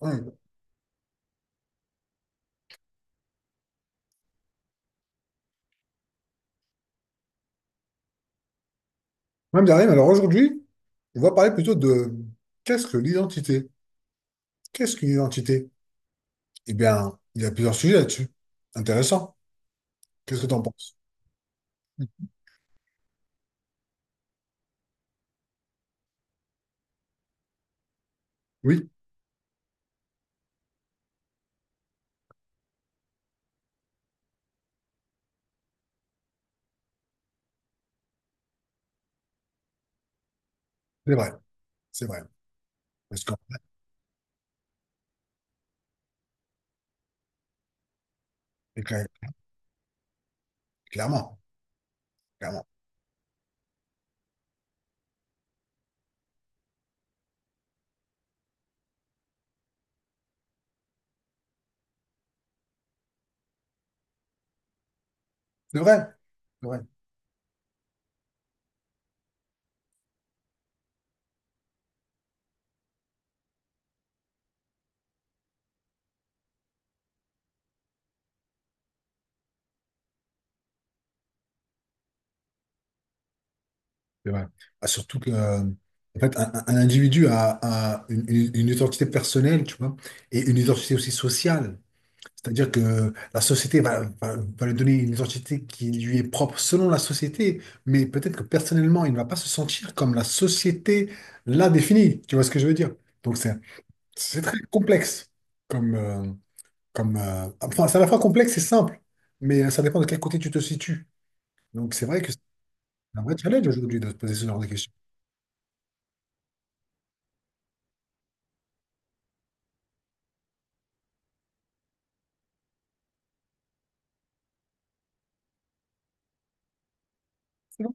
Ouais. Même derrière, alors aujourd'hui, on va parler plutôt de qu'est-ce que l'identité? Qu'est-ce qu'une identité? Eh bien, il y a plusieurs sujets là-dessus. Intéressant. Qu'est-ce que tu en penses? Oui, c'est vrai. C'est vrai. Parce qu'on et cla- clairement, clairement. C'est vrai. C'est vrai. C'est vrai. Ah, surtout que en fait, un individu a une identité personnelle, tu vois, et une identité aussi sociale. C'est-à-dire que la société va lui donner une identité qui lui est propre selon la société, mais peut-être que personnellement, il ne va pas se sentir comme la société l'a défini. Tu vois ce que je veux dire? Donc c'est très complexe. Comme, euh, enfin, c'est à la fois complexe et simple, mais ça dépend de quel côté tu te situes. Donc c'est vrai que c'est un vrai challenge aujourd'hui de se poser ce genre de questions. C'est vrai.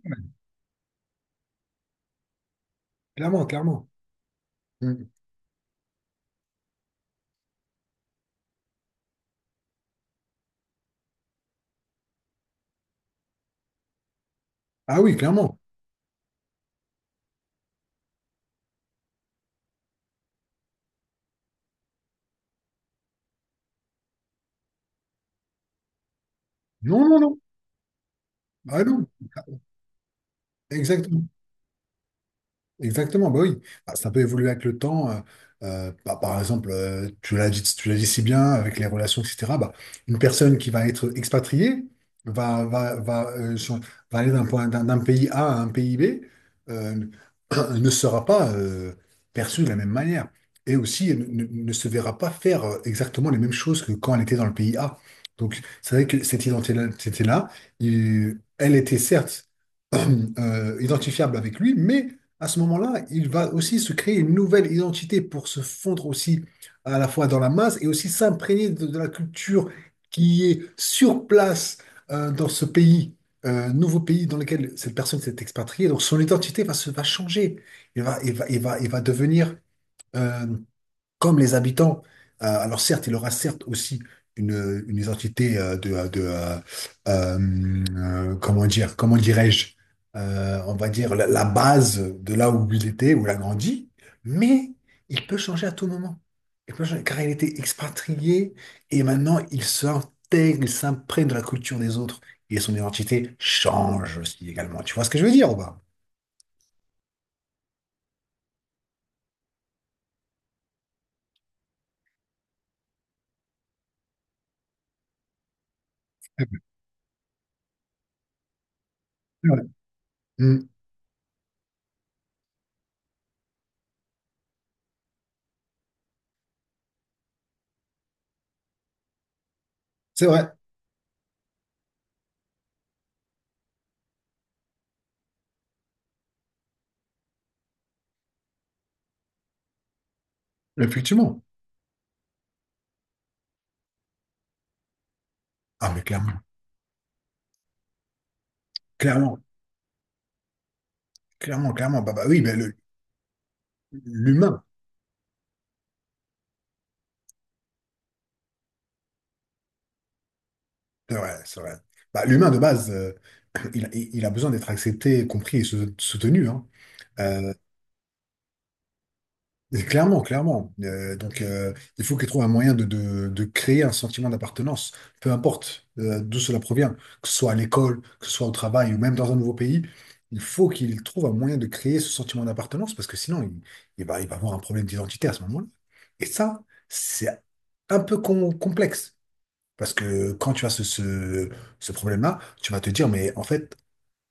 Clairement, clairement. Mm. Ah oui, clairement. Non, non, non. Ah non. Exactement. Exactement, bah oui. Bah, ça peut évoluer avec le temps. Bah, par exemple, tu l'as dit si bien avec les relations, etc. Bah, une personne qui va être expatriée va, va, va, euh, ch- va aller d'un point, d'un pays A à un pays B, euh, ne sera pas perçue de la même manière. Et aussi, elle ne se verra pas faire exactement les mêmes choses que quand elle était dans le pays A. Donc, c'est vrai que cette identité-là, c'était là, elle était certes identifiable avec lui, mais à ce moment-là, il va aussi se créer une nouvelle identité pour se fondre aussi à la fois dans la masse et aussi s'imprégner de la culture qui est sur place, dans ce pays, nouveau pays dans lequel cette personne s'est expatriée. Donc son identité va changer. Il va devenir euh, comme les habitants. Alors certes, il aura certes aussi une identité comment dirais-je. On va dire la base de là où il était, où il a grandi, mais il peut changer à tout moment. Il peut changer, car il était expatrié et maintenant il s'intègre, il s'imprègne de la culture des autres et son identité change aussi également. Tu vois ce que je veux dire ou pas? Ouais. Mm. C'est vrai, effectivement. Ah, mais clairement, clairement. Clairement, clairement. Bah, bah oui, mais l'humain, c'est vrai, c'est vrai. Bah, l'humain, de base, il il a besoin d'être accepté, compris et soutenu, hein. Euh, et clairement, clairement. Donc, il faut qu'il trouve un moyen de, de créer un sentiment d'appartenance, peu importe d'où cela provient, que ce soit à l'école, que ce soit au travail ou même dans un nouveau pays. Il faut qu'il trouve un moyen de créer ce sentiment d'appartenance parce que sinon, il va avoir un problème d'identité à ce moment-là. Et ça, c'est un peu complexe. Parce que quand tu as ce problème-là, tu vas te dire, mais en fait,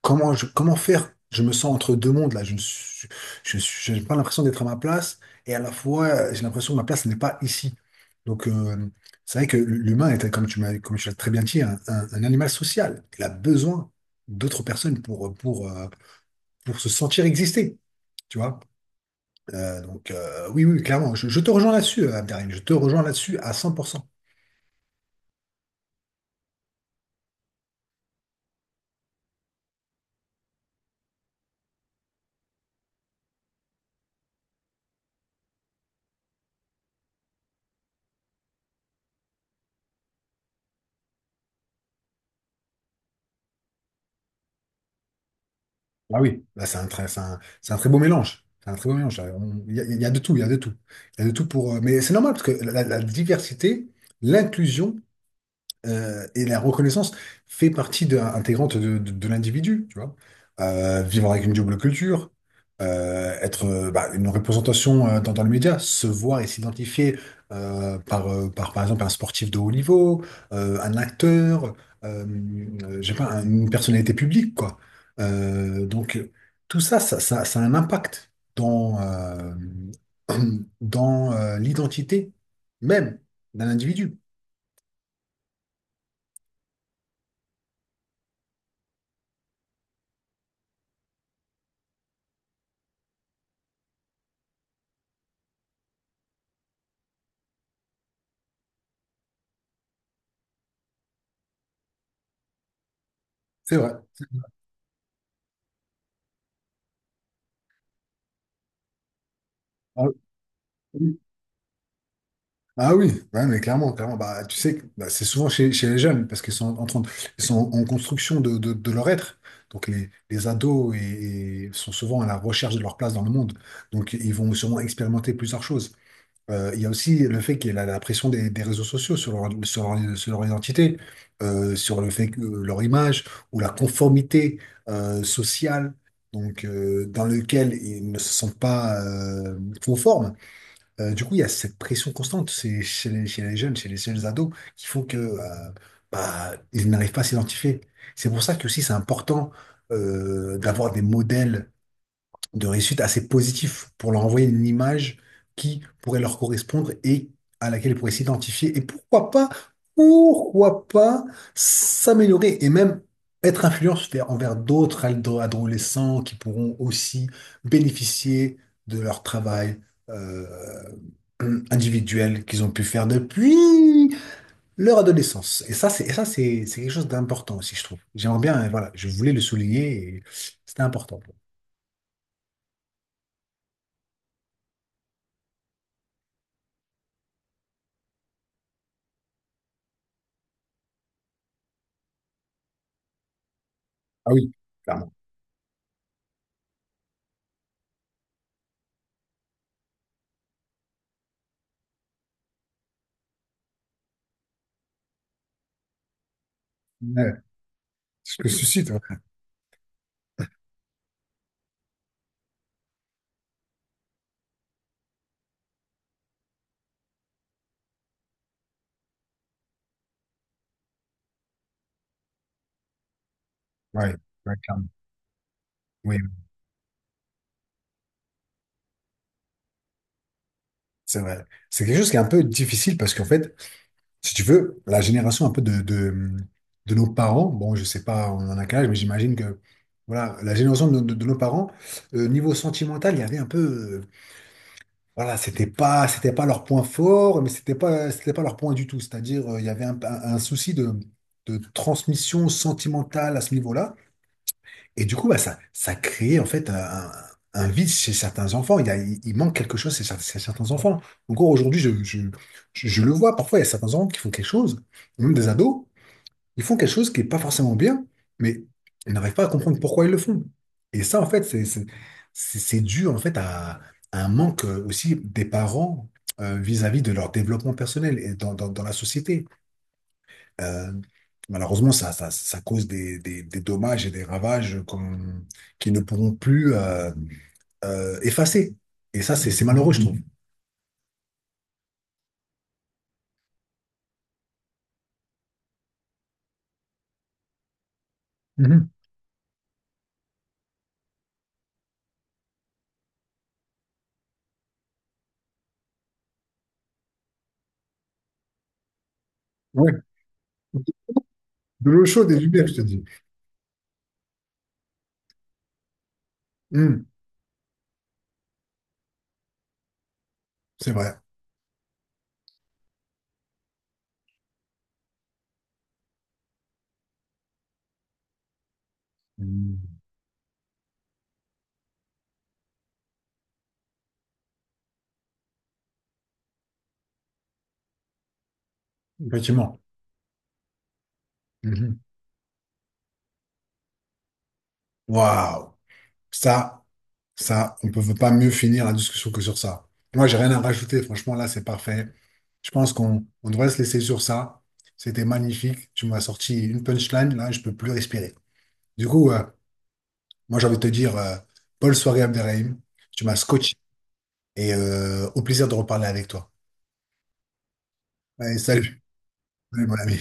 comment, comment faire? Je me sens entre deux mondes, là. Je, ne suis- je- j'ai pas l'impression d'être à ma place, et à la fois, j'ai l'impression que ma place n'est pas ici. Donc, c'est vrai que l'humain est, comme tu l'as très bien dit, un animal social. Il a besoin d'autres personnes pour, pour se sentir exister, tu vois? Oui, oui, clairement. Je te rejoins là-dessus, Abderrahim. Je te rejoins là-dessus à 100%. Ah oui, là, c'est un très, c'est un très beau mélange. C'est un très beau mélange. Il y a de tout, il y a de tout. Il y a de tout pour. Mais c'est normal parce que la diversité, l'inclusion, et la reconnaissance fait partie de, intégrante de l'individu, tu vois. Vivre avec une double culture, être bah, une représentation dans le média, se voir et s'identifier par exemple, un sportif de haut niveau, un acteur, euh, je sais pas, une personnalité publique, quoi. Euh, donc, tout ça, ça a un impact dans l'identité même d'un individu. C'est vrai. Ah, ah oui, ouais, mais clairement, clairement, bah, tu sais, que, bah, c'est souvent chez les jeunes parce qu'ils sont en train de- ils sont en construction de, de leur être. Donc les ados et sont souvent à la recherche de leur place dans le monde. Donc ils vont sûrement expérimenter plusieurs choses. Il y a aussi le fait qu'il y a la pression des réseaux sociaux sur leur, sur leur, sur leur identité, sur le fait que leur image ou la conformité sociale, donc dans lequel ils ne se sentent pas conformes. Du coup, il y a cette pression constante c'est chez les jeunes ados, qui font que bah, ils n'arrivent pas à s'identifier. C'est pour ça que aussi c'est important d'avoir des modèles de réussite assez positif pour leur envoyer une image qui pourrait leur correspondre et à laquelle ils pourraient s'identifier. Et pourquoi pas s'améliorer et même être influents envers d'autres adolescents qui pourront aussi bénéficier de leur travail euh, individuel qu'ils ont pu faire depuis leur adolescence. Et ça, c'est quelque chose d'important aussi, je trouve. J'aimerais bien, voilà, je voulais le souligner et c'était important pour moi. Ah oui, clairement. Ouais, ce que suscite, ouais, ouais, ouais, clairement. Oui, oui, c'est vrai. C'est quelque chose qui est un peu difficile parce qu'en fait, si tu veux, la génération un peu de nos parents, bon, je sais pas, on en a quel âge, mais j'imagine que voilà, la génération de, de nos parents, niveau sentimental, il y avait un peu, voilà, c'était pas leur point fort, mais c'était pas leur point du tout. C'est-à-dire, il y avait un souci de transmission sentimentale à ce niveau-là. Et du coup, bah, ça crée en fait un vide chez certains enfants. Il y a, il manque quelque chose chez, chez certains enfants. Encore aujourd'hui, je le vois. Parfois, il y a certains enfants qui font quelque chose, ou même des ados, ils font quelque chose qui n'est pas forcément bien, mais ils n'arrivent pas à comprendre pourquoi ils le font. Et ça, en fait, c'est dû en fait à un manque aussi des parents vis-à-vis de leur développement personnel et dans la société. Euh, malheureusement, ça cause des dommages et des ravages qui ne pourront plus effacer. Et ça, c'est malheureux, je trouve. Mhm. Ouais. De l'eau chaude et du bière, je te dis. Mhm. C'est vrai. Mhm. Effectivement. Mhm. Waouh. Ça, ça, on ne peut pas mieux finir la discussion que sur ça. Moi, j'ai rien à rajouter. Franchement, là, c'est parfait. Je pense qu'on on devrait se laisser sur ça. C'était magnifique. Tu m'as sorti une punchline. Là, je peux plus respirer. Du coup, euh, Moi, j'ai envie de te dire, bonne soirée Abderrahim. Tu m'as scotché et au plaisir de reparler avec toi. Allez, salut, salut, mon ami.